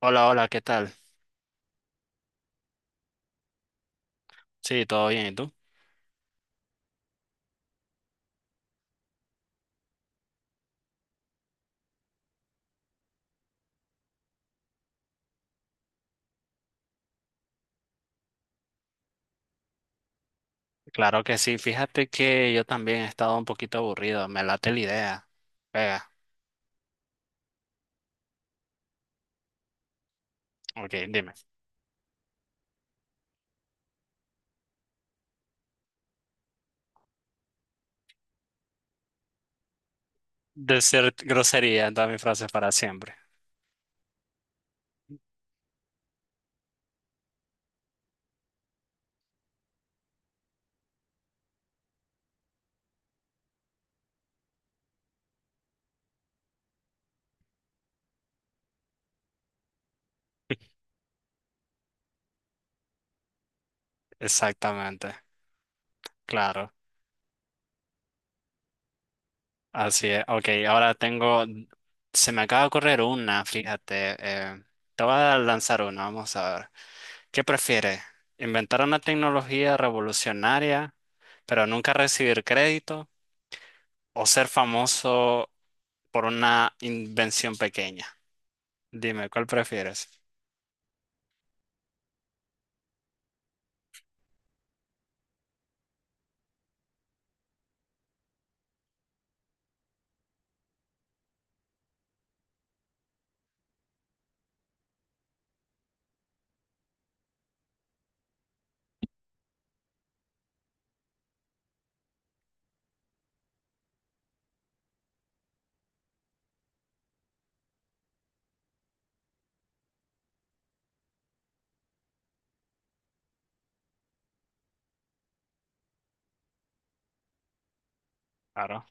Hola, hola, ¿qué tal? Sí, todo bien, ¿y tú? Claro que sí, fíjate que yo también he estado un poquito aburrido, me late la idea. Venga, ok, dime. Decir grosería en todas mis frases para siempre. Exactamente, claro. Así es, ok, ahora tengo, se me acaba de ocurrir una, fíjate, te voy a lanzar una, vamos a ver. ¿Qué prefieres? ¿Inventar una tecnología revolucionaria, pero nunca recibir crédito? ¿O ser famoso por una invención pequeña? Dime, ¿cuál prefieres? Claro.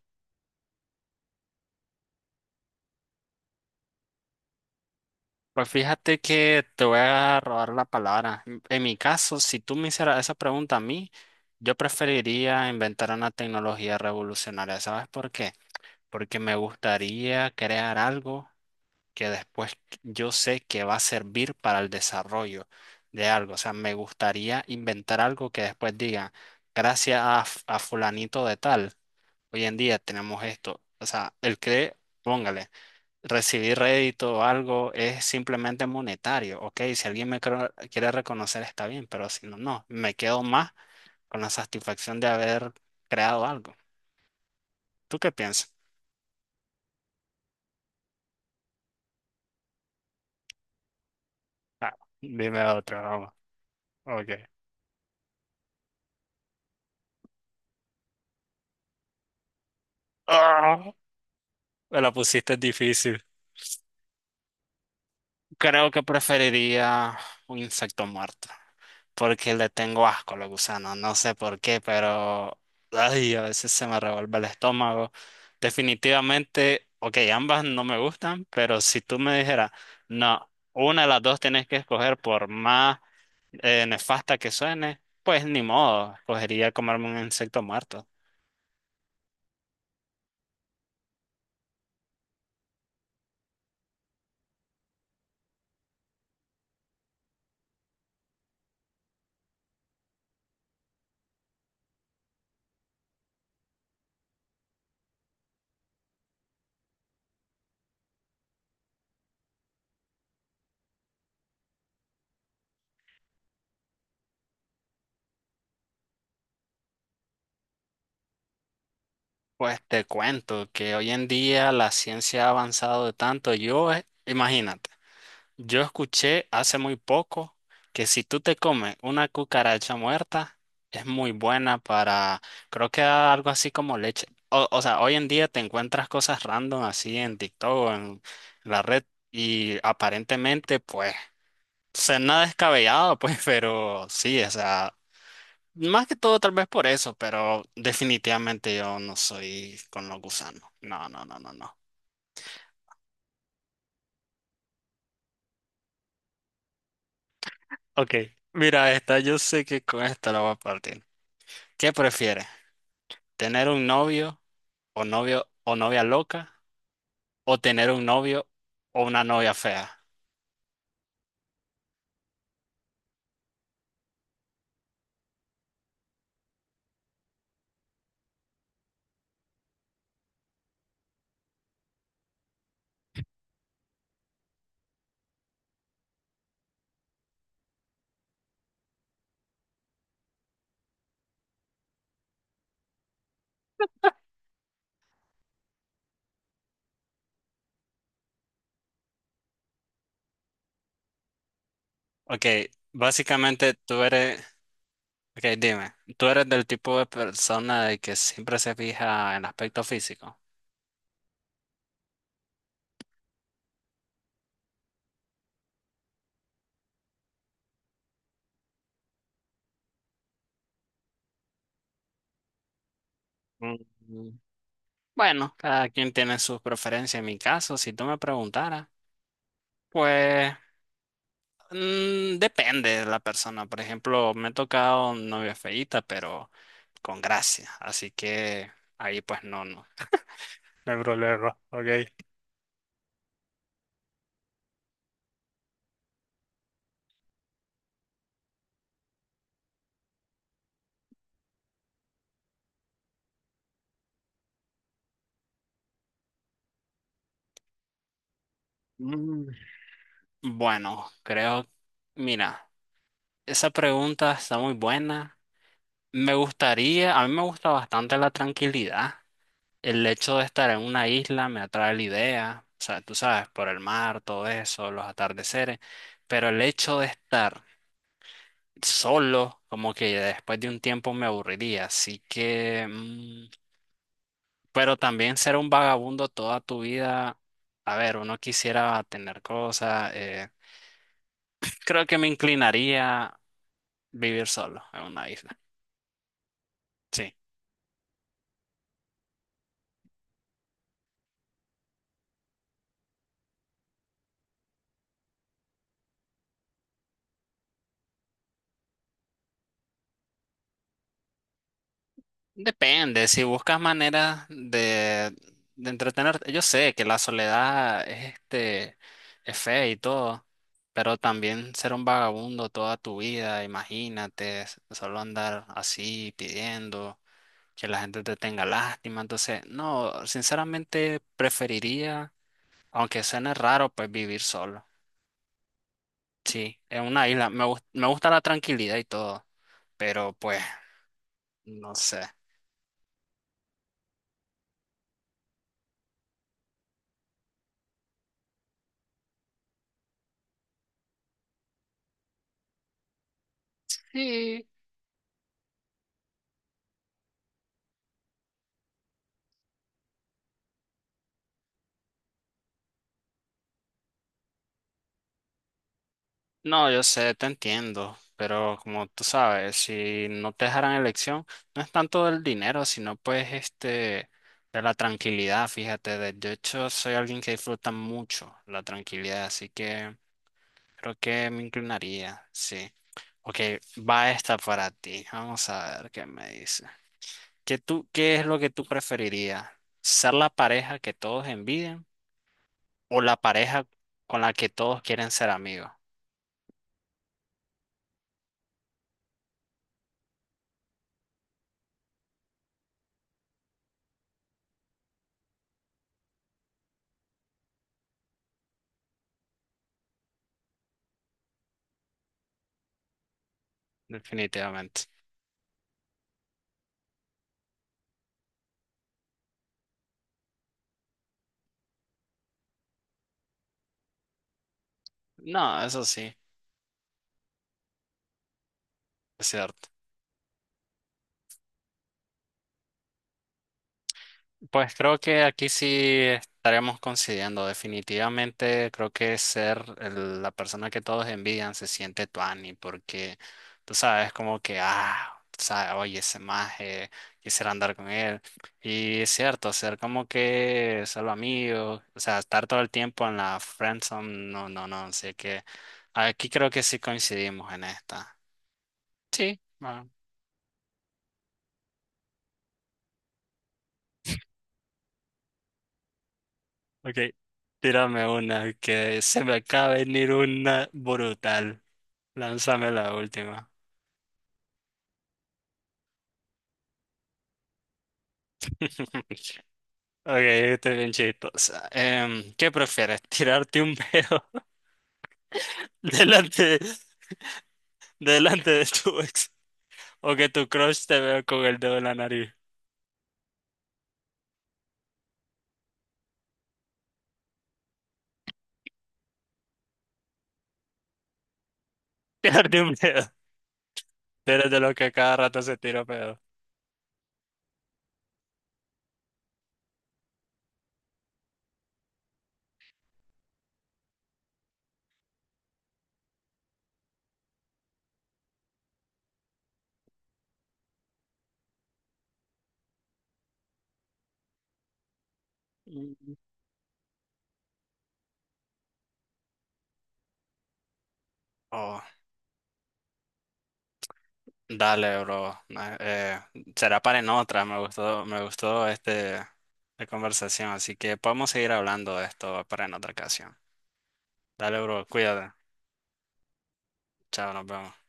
Pues fíjate que te voy a robar la palabra. En mi caso, si tú me hicieras esa pregunta a mí, yo preferiría inventar una tecnología revolucionaria. ¿Sabes por qué? Porque me gustaría crear algo que después yo sé que va a servir para el desarrollo de algo. O sea, me gustaría inventar algo que después diga, gracias a fulanito de tal, hoy en día tenemos esto. O sea, el que, póngale recibir rédito o algo es simplemente monetario. Ok, si alguien quiere reconocer está bien, pero si no, no, me quedo más con la satisfacción de haber creado algo. ¿Tú qué piensas? Ah, dime otra, vamos. Ok. Ah, me la pusiste difícil. Creo que preferiría un insecto muerto, porque le tengo asco a los gusanos, no sé por qué, pero ay, a veces se me revuelve el estómago. Definitivamente, ok, ambas no me gustan, pero si tú me dijeras, no, una de las dos tienes que escoger por más nefasta que suene, pues ni modo, escogería comerme un insecto muerto. Pues te cuento que hoy en día la ciencia ha avanzado de tanto, yo, imagínate. Yo escuché hace muy poco que si tú te comes una cucaracha muerta, es muy buena para, creo que algo así como leche. O sea, hoy en día te encuentras cosas random así en TikTok o en la red y aparentemente pues, o nada descabellado pues, pero sí, o sea, más que todo tal vez por eso, pero definitivamente yo no soy con los gusanos. No, no, no, no, no. Ok, mira esta, yo sé que con esta la voy a partir. ¿Qué prefieres? Tener un novio o novio o novia loca o tener un novio o una novia fea. Ok, básicamente tú eres, ok, dime, tú eres del tipo de persona de que siempre se fija en aspecto físico. Mm, bueno, cada quien tiene sus preferencias. En mi caso, si tú me preguntaras, pues mm, depende de la persona. Por ejemplo, me he tocado novia feíta, pero con gracia. Así que ahí pues no, no. No hay problema, ok. Mm, bueno, creo, mira, esa pregunta está muy buena. Me gustaría, a mí me gusta bastante la tranquilidad. El hecho de estar en una isla me atrae la idea, o sea, tú sabes, por el mar, todo eso, los atardeceres, pero el hecho de estar solo, como que después de un tiempo me aburriría, así que mm, pero también ser un vagabundo toda tu vida, a ver, uno quisiera tener cosas, creo que me inclinaría a vivir solo en una isla. Sí. Depende, si buscas maneras de entretenerte. Yo sé que la soledad es, este, es fea y todo, pero también ser un vagabundo toda tu vida, imagínate, solo andar así pidiendo. Que la gente te tenga lástima. Entonces, no, sinceramente preferiría, aunque suene raro, pues vivir solo. Sí, en una isla. Me gusta la tranquilidad y todo, pero pues, no sé. Sí, no, yo sé, te entiendo, pero como tú sabes, si no te dejaran elección, no es tanto del dinero, sino pues este, de la tranquilidad, fíjate. De hecho, soy alguien que disfruta mucho la tranquilidad, así que creo que me inclinaría, sí. Ok, va esta para ti. Vamos a ver qué me dice. ¿Qué tú, qué es lo que tú preferirías? ¿Ser la pareja que todos envidian o la pareja con la que todos quieren ser amigos? Definitivamente. No, eso sí, es cierto. Pues creo que aquí sí estaremos coincidiendo. Definitivamente creo que ser la persona que todos envidian se siente tuani porque tú sabes como que, ah, tú sabes, oye, ese maje, quisiera andar con él. Y es cierto, ser como que solo amigo, o sea, estar todo el tiempo en la friendzone, no, no, no. Así que aquí creo que sí coincidimos en esta. Sí. Ok, tírame una, que se me acaba de venir una brutal. Lánzame la última. Ok, esta es bien chistosa. ¿Qué prefieres? ¿Tirarte un pedo delante, delante de tu ex? ¿O que tu crush te vea con el dedo en la nariz? Tirarte un pedo. Tú eres de los que cada rato se tira pedo. Mm. Oh. Dale, bro. Será para en otra. Me gustó este, la conversación. Así que podemos seguir hablando de esto para en otra ocasión. Dale, bro. Cuídate. Chao, nos vemos.